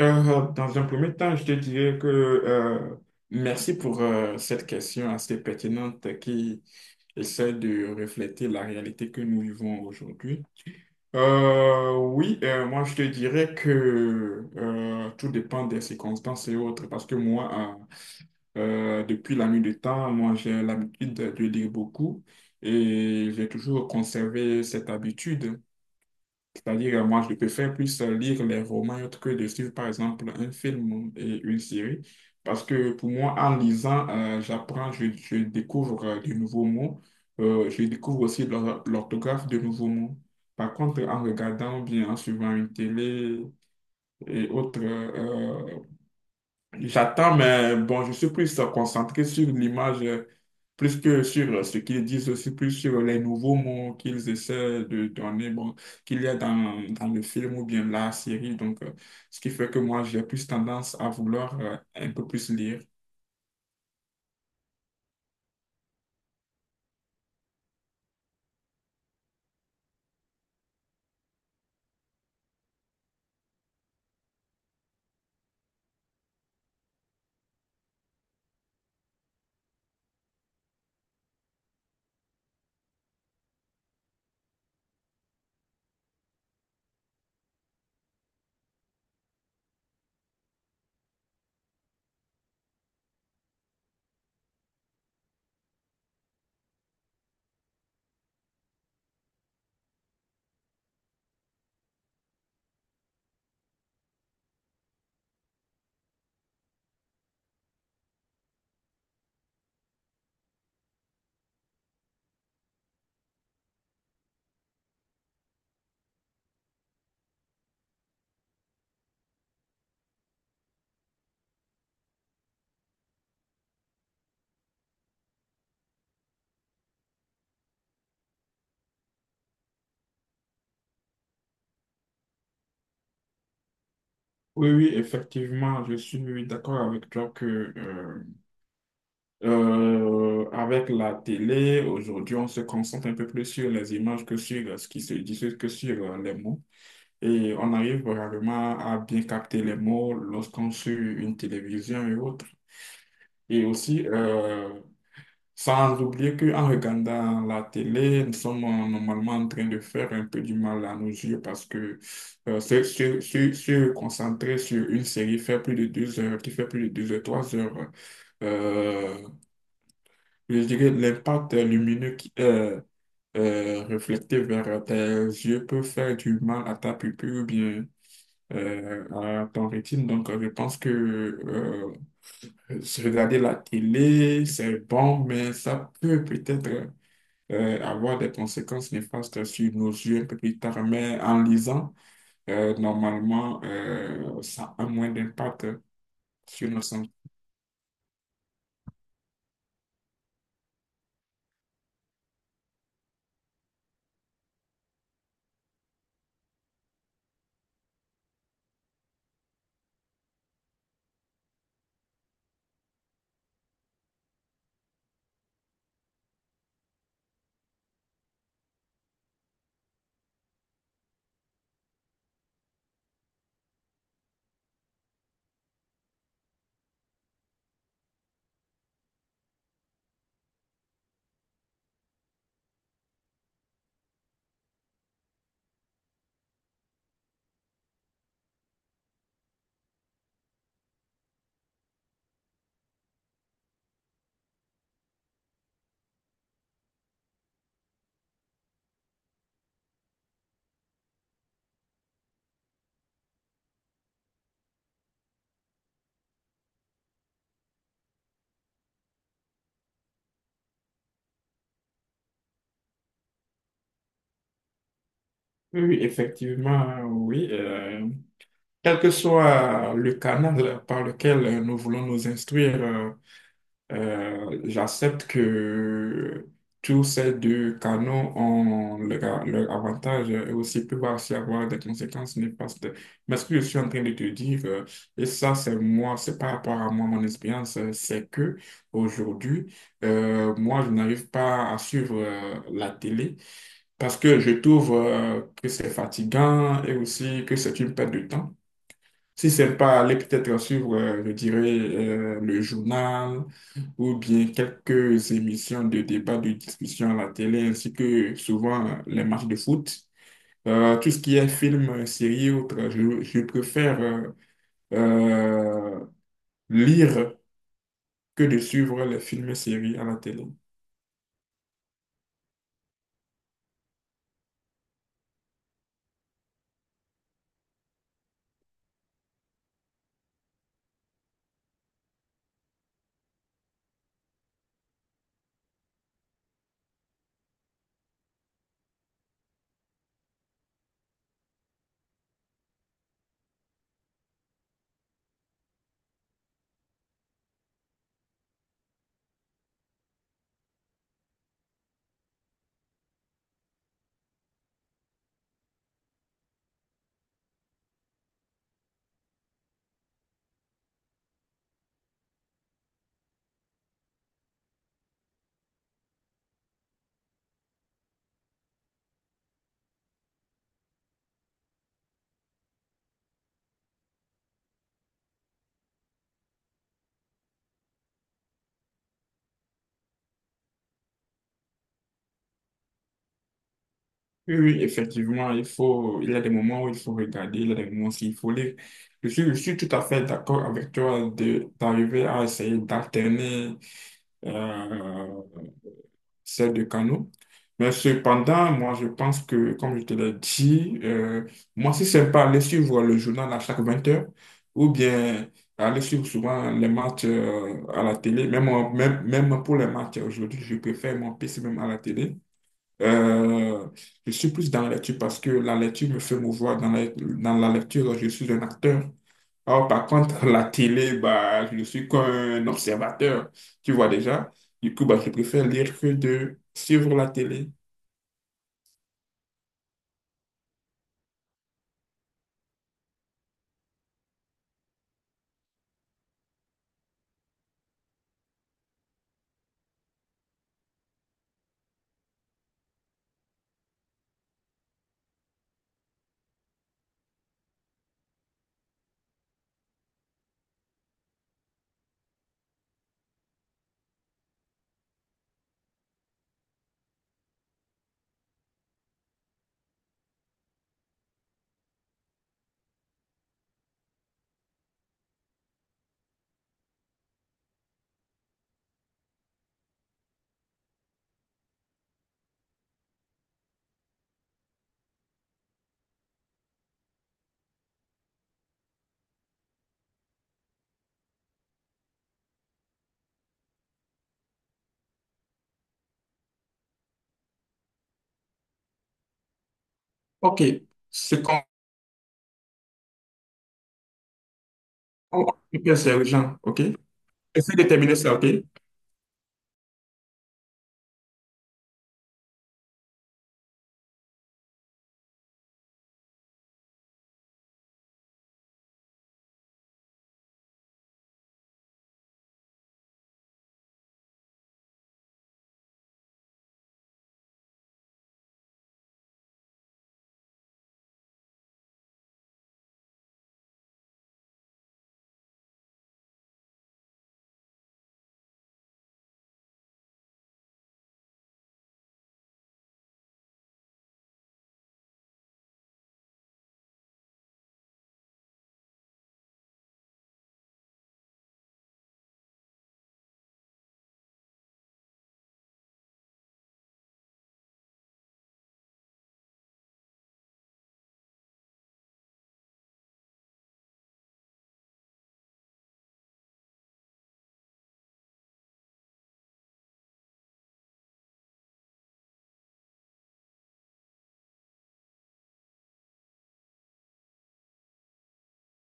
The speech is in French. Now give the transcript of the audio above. Dans un premier temps, je te dirais que merci pour cette question assez pertinente qui essaie de refléter la réalité que nous vivons aujourd'hui. Oui, moi je te dirais que tout dépend des circonstances et autres, parce que moi, depuis la nuit du temps, moi j'ai l'habitude de lire beaucoup et j'ai toujours conservé cette habitude. C'est-à-dire, moi, je préfère plus lire les romans et autres que de suivre, par exemple, un film et une série. Parce que pour moi, en lisant, j'apprends, je découvre de nouveaux mots. Je découvre aussi l'orthographe de nouveaux mots. Par contre, en regardant ou bien en suivant une télé et autres j'attends, mais bon, je suis plus concentré sur l'image, plus que sur ce qu'ils disent aussi, plus sur les nouveaux mots qu'ils essaient de donner, bon, qu'il y a dans le film ou bien la série. Donc, ce qui fait que moi, j'ai plus tendance à vouloir un peu plus lire. Oui, oui, effectivement, je suis d'accord avec toi que euh, avec la télé, aujourd'hui, on se concentre un peu plus sur les images que sur ce qui se dit que sur les mots. Et on arrive vraiment à bien capter les mots lorsqu'on suit une télévision et autres. Et aussi, sans oublier qu'en regardant la télé, nous sommes normalement en train de faire un peu du mal à nos yeux parce que se concentrer sur une série fait plus de deux heures, qui fait plus de deux heures, trois heures, euh, je dirais l'impact lumineux qui est reflété vers tes yeux peut faire du mal à ta pupille ou bien à ton rythme. Donc, je pense que regarder la télé, c'est bon, mais ça peut peut-être avoir des conséquences néfastes sur nos yeux un peu plus tard. Mais en lisant, normalement, ça a moins d'impact sur nos santé. Oui, oui, effectivement, oui. Quel que soit le canal par lequel nous voulons nous instruire, j'accepte que tous ces deux canaux ont leur avantage et aussi peuvent aussi avoir des conséquences néfastes. Mais ce que je suis en train de te dire, et ça c'est moi, c'est par rapport à moi, mon expérience, c'est que aujourd'hui, moi je n'arrive pas à suivre la télé parce que je trouve que c'est fatigant et aussi que c'est une perte de temps. Si c'est pas aller peut-être suivre, je dirais, le journal ou bien quelques émissions de débat, de discussion à la télé, ainsi que souvent les matchs de foot. Tout ce qui est film, série, autre, je préfère euh, lire que de suivre les films et séries à la télé. Oui, oui, effectivement, il y a des moments où il faut regarder, il y a des moments où il faut lire. Je suis tout à fait d'accord avec toi d'arriver à essayer d'alterner euh, ces deux canaux. Mais cependant, moi, je pense que, comme je te l'ai dit, moi, si c'est pas aller suivre le journal à chaque 20 heures, ou bien aller suivre souvent les matchs à la télé, même pour les matchs aujourd'hui, je préfère mon PC même à la télé. Euh, je suis plus dans la lecture parce que la lecture me fait mouvoir. Dans la lecture, je suis un acteur. Alors, par contre, la télé, bah, je suis comme un observateur. Tu vois déjà? Du coup, bah, je préfère lire que de suivre la télé. OK. C'est qu'on on peut faire c'est aux gens, OK? Essaye de terminer ça. OK?